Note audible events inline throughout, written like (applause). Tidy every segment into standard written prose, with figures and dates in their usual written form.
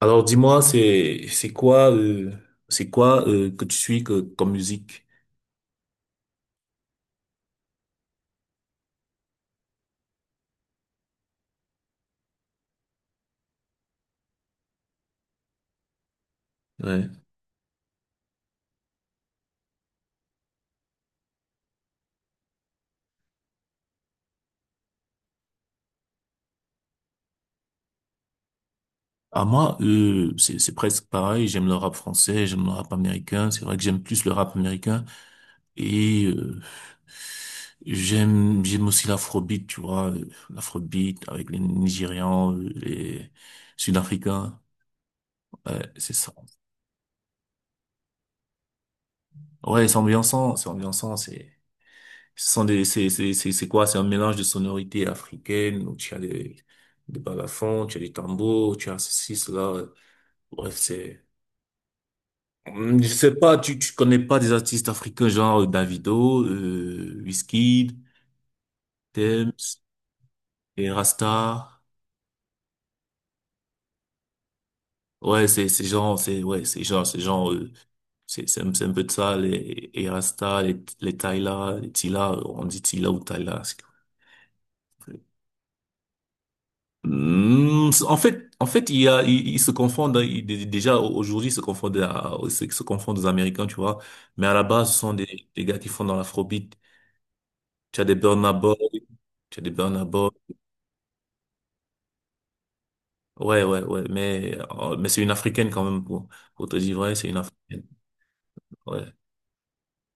Alors dis-moi, c'est quoi que tu suis que, comme musique? Ouais. À moi, c'est presque pareil. J'aime le rap français, j'aime le rap américain. C'est vrai que j'aime plus le rap américain et j'aime aussi l'afrobeat, tu vois, l'afrobeat avec les Nigérians, les Sud-Africains. Ouais, c'est ça. Ouais, c'est ambiançant, c'est ambiançant. C'est Ce sont des, c'est quoi? C'est un mélange de sonorités africaines, où tu as des, balafons, tu as des tambours, tu as ceci, cela. Bref, c'est, je sais pas, tu connais pas des artistes africains genre Davido, Wizkid, Tems, et Rasta. Ouais, c'est un peu de ça, les, et Rasta, les Tyla, les Tila, on dit Tila ou Tyla. En fait, il y a, ils se confondent, hein, aujourd'hui, ils se confondent, ils se confondent aux Américains, tu vois. Mais à la base, ce sont des gars qui font dans l'afrobeat. Tu as des Burna Boy, tu as des Burna Boy. Ouais, ouais, ouais. Mais c'est une africaine quand même, pour te dire vrai, c'est une africaine. Ouais,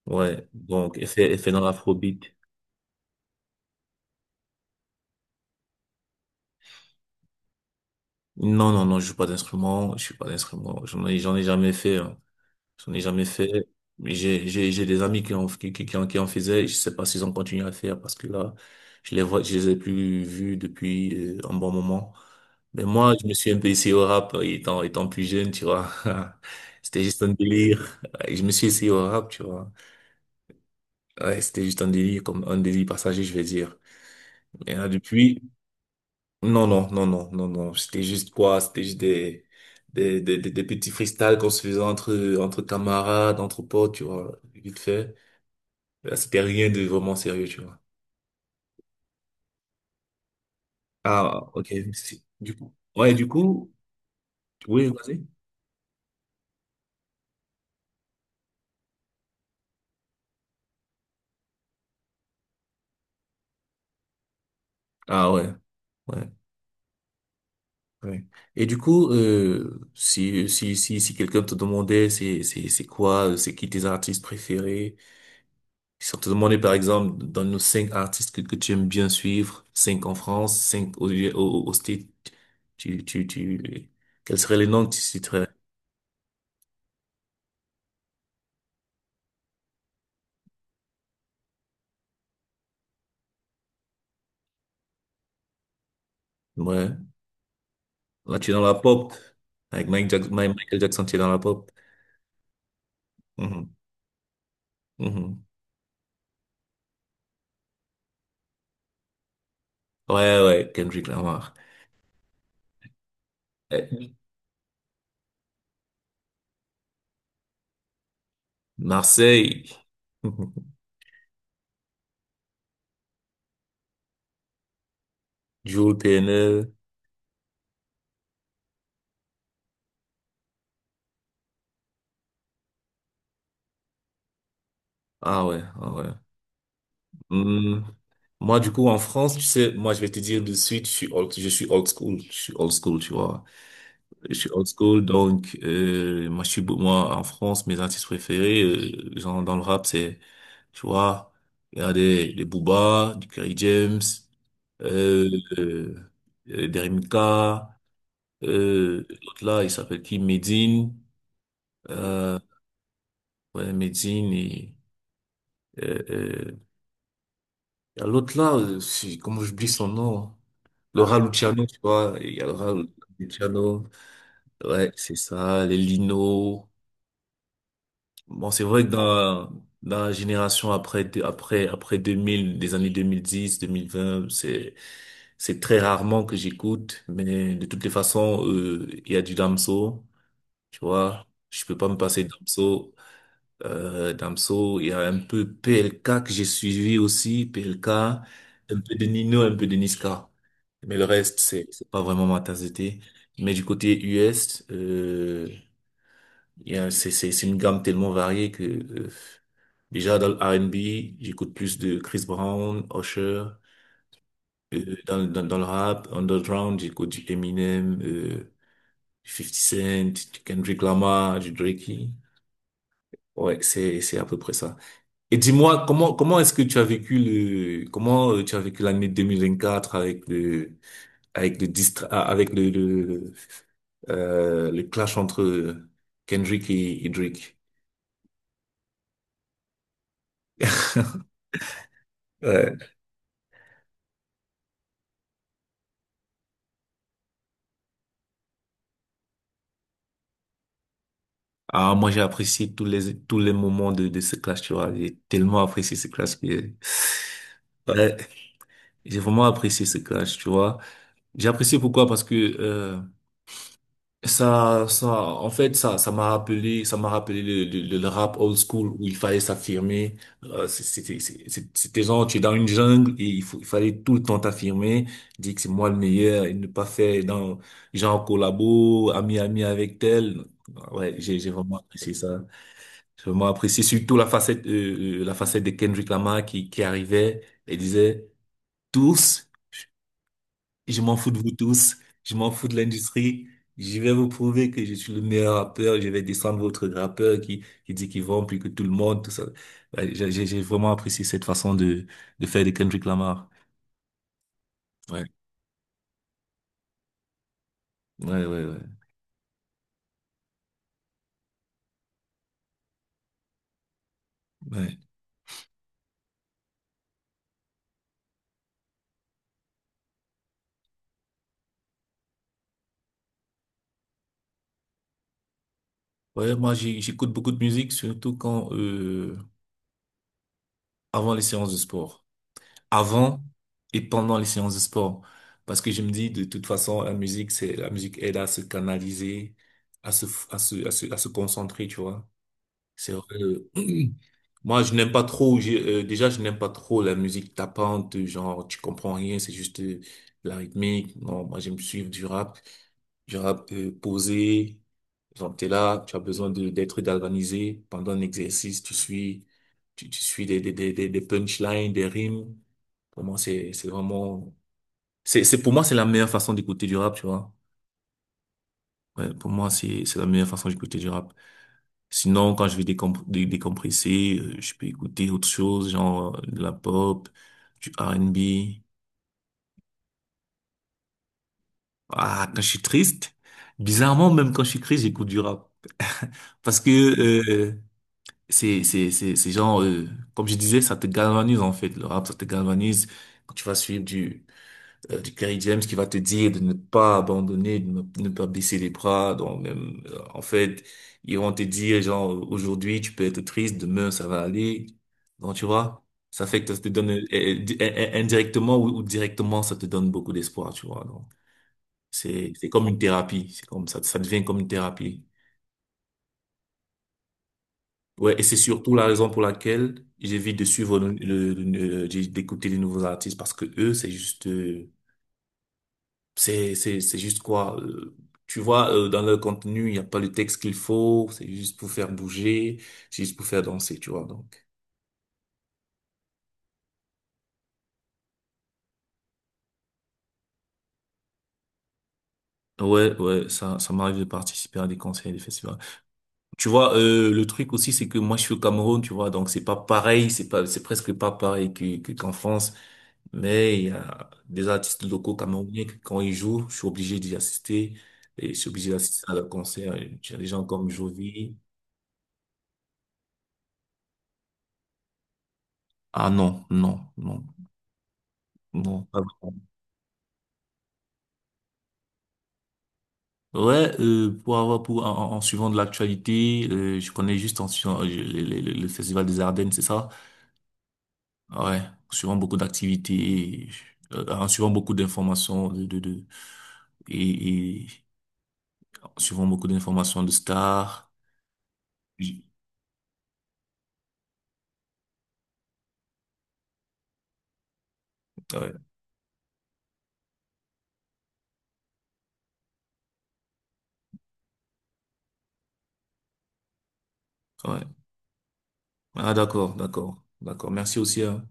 ouais. Donc, elle fait dans l'afrobeat. Non, non, non, je joue pas d'instrument, je suis pas d'instrument. J'en ai jamais fait, hein. J'en ai jamais fait. Mais j'ai des amis qui en, qui, qui en faisaient. Je sais pas s'ils ont continué à faire, parce que là, je les vois, je les ai plus vus depuis un bon moment. Mais moi, je me suis un peu essayé au rap étant plus jeune, tu vois. (laughs) C'était juste un délire. Ouais, je me suis essayé au rap, tu vois. Ouais, c'était juste un délire, comme un délire passager, je vais dire. Et là, depuis, non, non, non, non, non, non. C'était juste quoi? C'était juste des, des petits freestyles qu'on se faisait entre camarades, entre potes, tu vois, vite fait. C'était rien de vraiment sérieux, tu vois. Ah, ok. Si. Du coup, ouais, du coup, oui, vas-y. Ah, ouais, ouais, ouais. Et du coup, si quelqu'un te demandait c'est qui tes artistes préférés, si on te demandait par exemple dans nos cinq artistes que tu aimes bien suivre, cinq en France, cinq au States, tu, tu, tu, quels seraient les noms que tu citerais? Ouais. Là, tu es dans la pop. Avec Michael Jackson, tu es dans la pop. Mhm. Mhm. Ouais, ouais, Kendrick Lamar. Euh, Marseille. (laughs) Jules Terneul. Ah ouais, ah ouais. Hmm, Moi, du coup, en France, tu sais, moi, je vais te dire de suite, je suis old school, je suis old school, tu vois. Je suis old school, donc moi, je suis, moi, en France, mes artistes préférés, genre dans le rap, c'est, tu vois, il y a des, Booba, du Kerry James, euh, euh, Derrick Mika, l'autre là, il s'appelle qui? Medine. Euh, ouais, Medine et euh, euh, il y a l'autre là, comment j'oublie son nom? Laura Luciano, tu vois, il y a Laura Luciano, ouais, c'est ça, les Lino. Bon, c'est vrai que dans la génération après 2000, des années 2010, 2020, c'est très rarement que j'écoute, mais de toutes les façons, il y a du Damso, tu vois, je peux pas me passer de Damso. Damso, il y a un peu PLK que j'ai suivi aussi, PLK, un peu de Nino, un peu de Niska. Mais le reste, c'est pas vraiment ma tasse de thé. Mais du côté US, il y a, c'est une gamme tellement variée que déjà dans le R&B, j'écoute plus de Chris Brown, Usher. Dans le rap, underground, j'écoute du Eminem, du 50 Cent, du Kendrick Lamar, du Drake. Ouais, c'est à peu près ça. Et dis-moi, comment est-ce que tu as vécu le, comment tu as vécu l'année 2024 avec avec le clash entre Kendrick et Drake? (laughs) Ouais. Ah, moi, j'ai apprécié tous les moments de ce clash, tu vois. J'ai tellement apprécié ce clash que, ouais, j'ai vraiment apprécié ce clash, tu vois. J'ai apprécié pourquoi? Parce que, en fait, ça m'a rappelé le, rap old school où il fallait s'affirmer. C'était, c'était genre, tu es dans une jungle et il fallait tout le temps t'affirmer, dire que c'est moi le meilleur et ne pas faire dans, genre, collabo, ami avec tel. Ouais, j'ai vraiment apprécié ça. J'ai vraiment apprécié surtout la facette, la facette de Kendrick Lamar qui arrivait et disait tous. Je m'en fous de vous tous. Je m'en fous de l'industrie. Je vais vous prouver que je suis le meilleur rappeur. Je vais descendre votre rappeur qui dit qu'il vend plus que tout le monde, tout ça. Ouais, j'ai vraiment apprécié cette façon de faire de Kendrick Lamar. Ouais, ouais, ouais, ouais. Ouais, ouais, moi, j'écoute beaucoup de musique, surtout avant les séances de sport. Avant et pendant les séances de sport. Parce que je me dis, de toute façon, la musique aide à se canaliser, à se concentrer, tu vois. C'est vrai. (clears throat) Moi, je n'aime pas trop, déjà, je n'aime pas trop la musique tapante, genre, tu comprends rien, c'est juste la rythmique. Non, moi, j'aime suivre du rap posé. Genre, t'es là, tu as besoin d'être galvanisé pendant un exercice, tu suis des, des punchlines, des rimes. Pour moi, c'est vraiment, c'est, Pour moi, c'est la meilleure façon d'écouter du rap, tu vois. Ouais, pour moi, c'est la meilleure façon d'écouter du rap. Sinon, quand je vais décompresser, je peux écouter autre chose, genre de la pop, du R&B. Ah, quand je suis triste, bizarrement, même quand je suis triste, j'écoute du rap. Parce que c'est genre, comme je disais, ça te galvanise en fait. Le rap, ça te galvanise. Quand tu vas suivre du Kerry James qui va te dire de ne pas abandonner, de ne pas baisser les bras. Donc, même, en fait, ils vont te dire, genre, aujourd'hui, tu peux être triste, demain, ça va aller. Donc, tu vois, ça fait que ça te donne, indirectement ou directement, ça te donne beaucoup d'espoir, tu vois. Donc, c'est comme une thérapie. C'est comme ça devient comme une thérapie. Ouais, et c'est surtout la raison pour laquelle j'évite de suivre d'écouter les nouveaux artistes parce que eux, c'est juste, c'est juste quoi? Tu vois, dans leur contenu, il n'y a pas le texte qu'il faut, c'est juste pour faire bouger, c'est juste pour faire danser, tu vois, donc. Ouais, ouais, ça m'arrive de participer à des concerts et des festivals. Tu vois, le truc aussi, c'est que moi, je suis au Cameroun, tu vois, donc c'est pas pareil, c'est presque pas pareil qu'en France. Mais il y a des artistes locaux camerounais que quand ils jouent, je suis obligé d'y assister et je suis obligé d'assister à leur concert. Il y a des gens comme Jovi. Ah non, non, non, non. Pas vraiment. Ouais, pour en suivant de l'actualité, je connais juste en suivant le, le Festival des Ardennes, c'est ça? Ouais, en suivant beaucoup d'activités, en suivant beaucoup d'informations de et, en suivant beaucoup d'informations de stars. J- Ouais, ouais. Ah d'accord, d'accord, d'accord. Merci aussi, hein.